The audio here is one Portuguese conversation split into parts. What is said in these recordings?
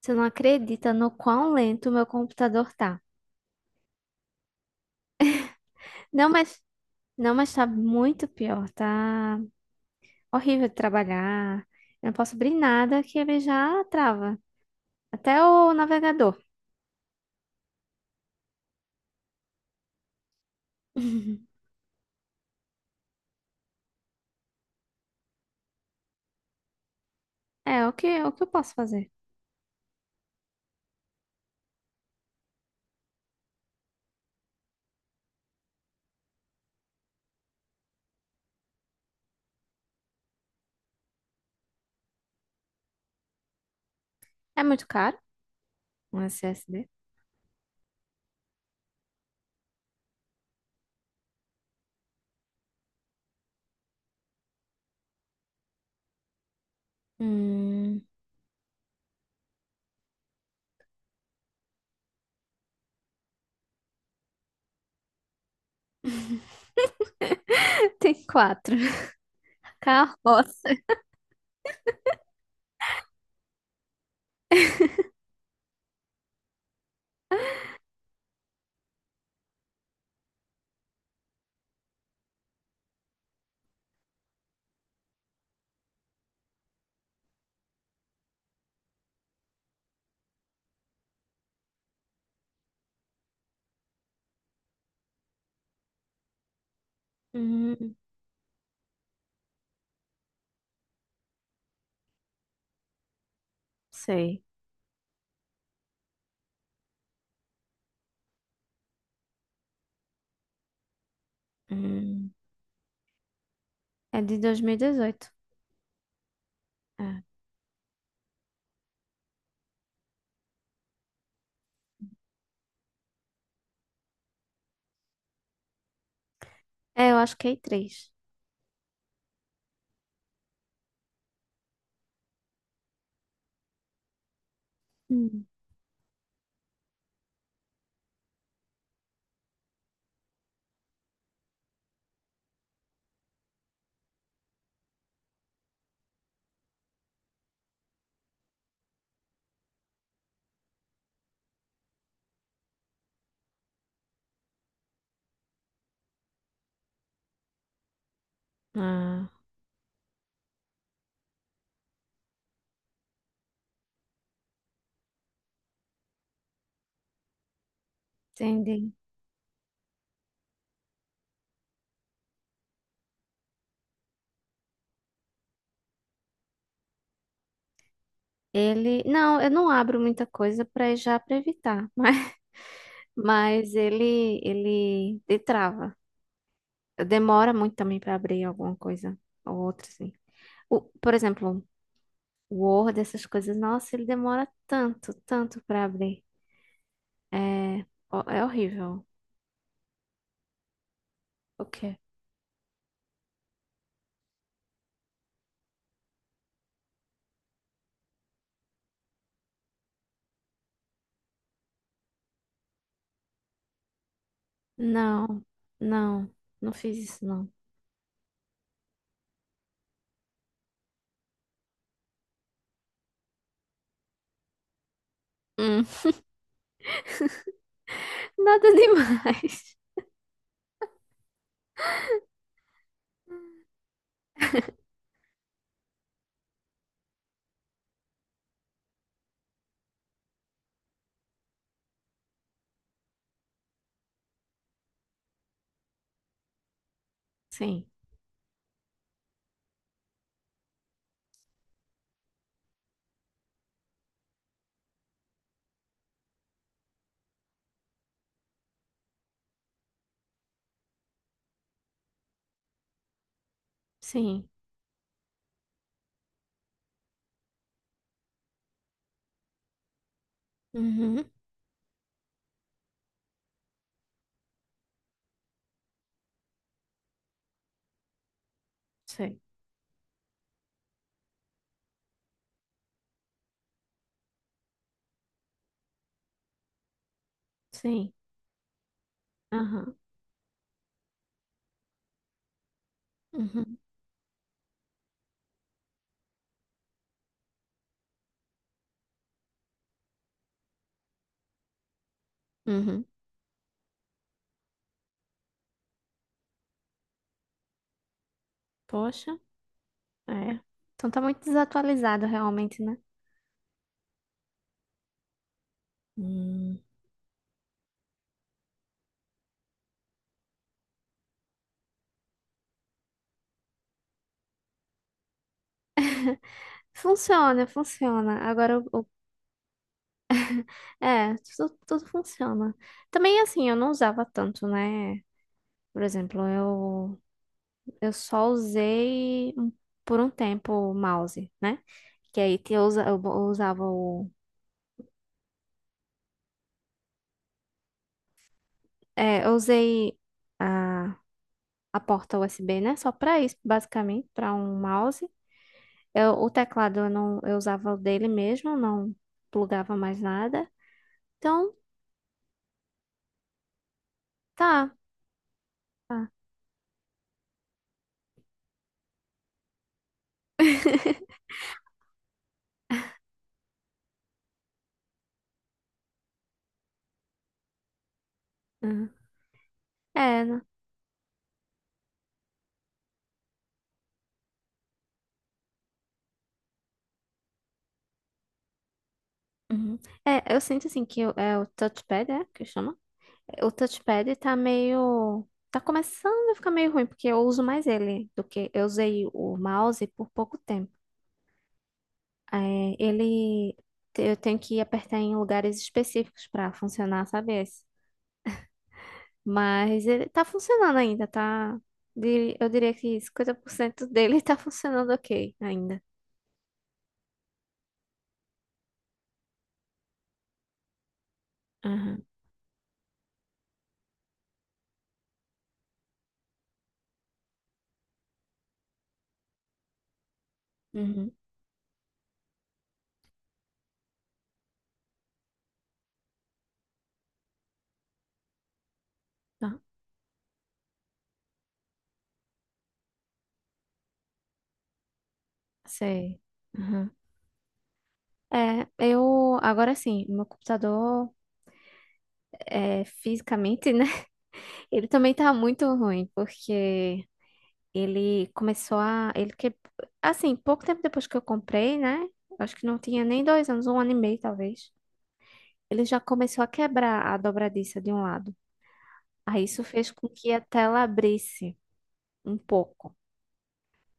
Você não acredita no quão lento o meu computador tá. Não, mas não, mas tá muito pior. Tá horrível de trabalhar. Eu não posso abrir nada que ele já trava. Até o navegador. É, o que eu posso fazer? É muito caro um SSD? Hum, tem quatro. Carroça. Hum, sei. Hum, é de 2018. É, é, eu acho que é i3. Hum. Ah, entendi. Não, eu não abro muita coisa para já para evitar, mas ele trava. Demora muito também para abrir alguma coisa ou outra, assim. Por exemplo, o Word, essas coisas, nossa, ele demora tanto, tanto para abrir. É, é horrível. O quê? Não, não, não fiz isso, não. Hum, nada demais. Sim, sim. Uhum, sei, sim. Aham, uhum, uhum. Poxa. É. Então tá muito desatualizado realmente, né? Hum. Funciona, funciona. Agora, o- é, tudo, tudo funciona. Também, assim, eu não usava tanto, né? Por exemplo, eu só usei por um tempo o mouse, né? Que aí que eu usava o... É, eu usei a, a porta USB, né? Só pra isso, basicamente, pra um mouse. Eu, o teclado eu não, eu usava o dele mesmo, não plugava mais nada. Então tá, tá. Uhum. É, né? Uhum. É, eu sinto assim que é o touchpad, é que chama? O touchpad tá meio. Tá começando a ficar meio ruim, porque eu uso mais ele do que. Eu usei o mouse por pouco tempo. É, ele. Eu tenho que apertar em lugares específicos pra funcionar, sabe? Esse? Mas ele tá funcionando ainda, tá? Eu diria que 50% dele tá funcionando ok ainda. Aham. Uhum. Tá, sei. É, eu agora sim, meu computador é, fisicamente, né? Ele também tá muito ruim, porque ele começou a. Ele que, assim, pouco tempo depois que eu comprei, né? Acho que não tinha nem dois anos, um ano e meio talvez. Ele já começou a quebrar a dobradiça de um lado. Aí isso fez com que a tela abrisse um pouco,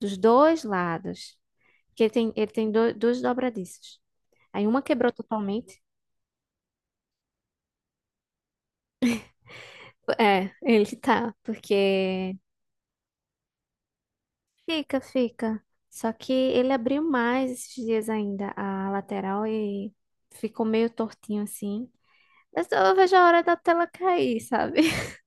dos dois lados. Porque ele tem duas dobradiças. Aí uma quebrou totalmente. É, ele tá, porque fica, fica. Só que ele abriu mais esses dias ainda a lateral e ficou meio tortinho assim. Mas eu só vejo a hora da tela cair, sabe?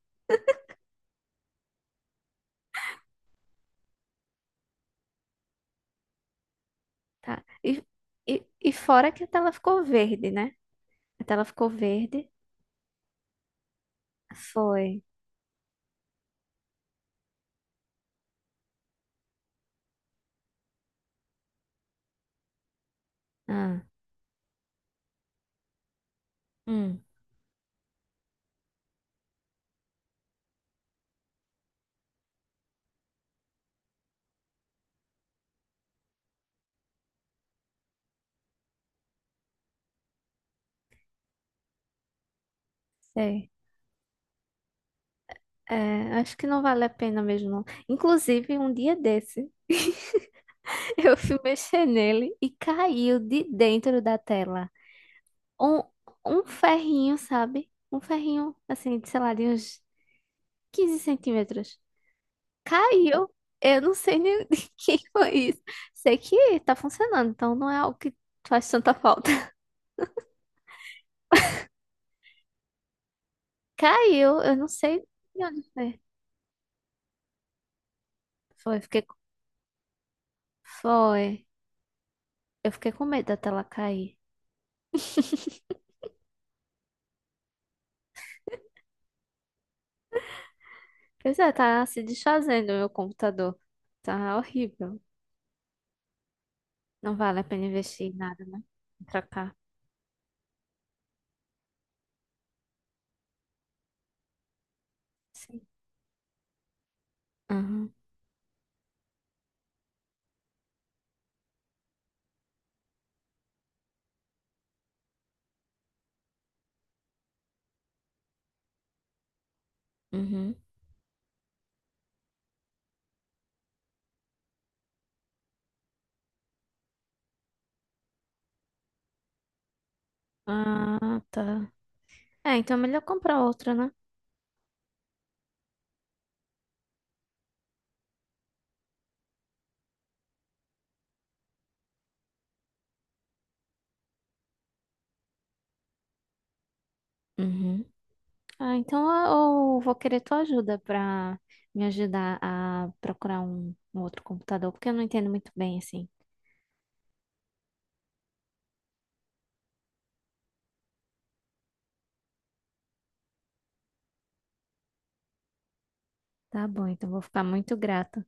E, e, e fora que a tela ficou verde, né? A tela ficou verde. Foi. Ah, hum, sei. É, acho que não vale a pena mesmo, não. Inclusive, um dia desse, eu fui mexer nele e caiu de dentro da tela. Um, Um ferrinho, sabe? Um ferrinho, assim, de, sei lá, de uns 15 cm. Caiu. Eu não sei nem de quem foi isso. Sei que tá funcionando, então não é algo que faz tanta falta. Caiu. Eu não sei de onde foi. Foi, fiquei, com- Foi. Eu fiquei com medo da tela cair. Pois é, tá se desfazendo o meu computador. Tá horrível. Não vale a pena investir em nada, né? Pra cá. Sim. Aham. Uhum. Ah, tá. É, então é melhor comprar outra, né? Uhum. Ah, então eu vou querer tua ajuda para me ajudar a procurar um outro computador, porque eu não entendo muito bem assim. Tá bom, então vou ficar muito grata.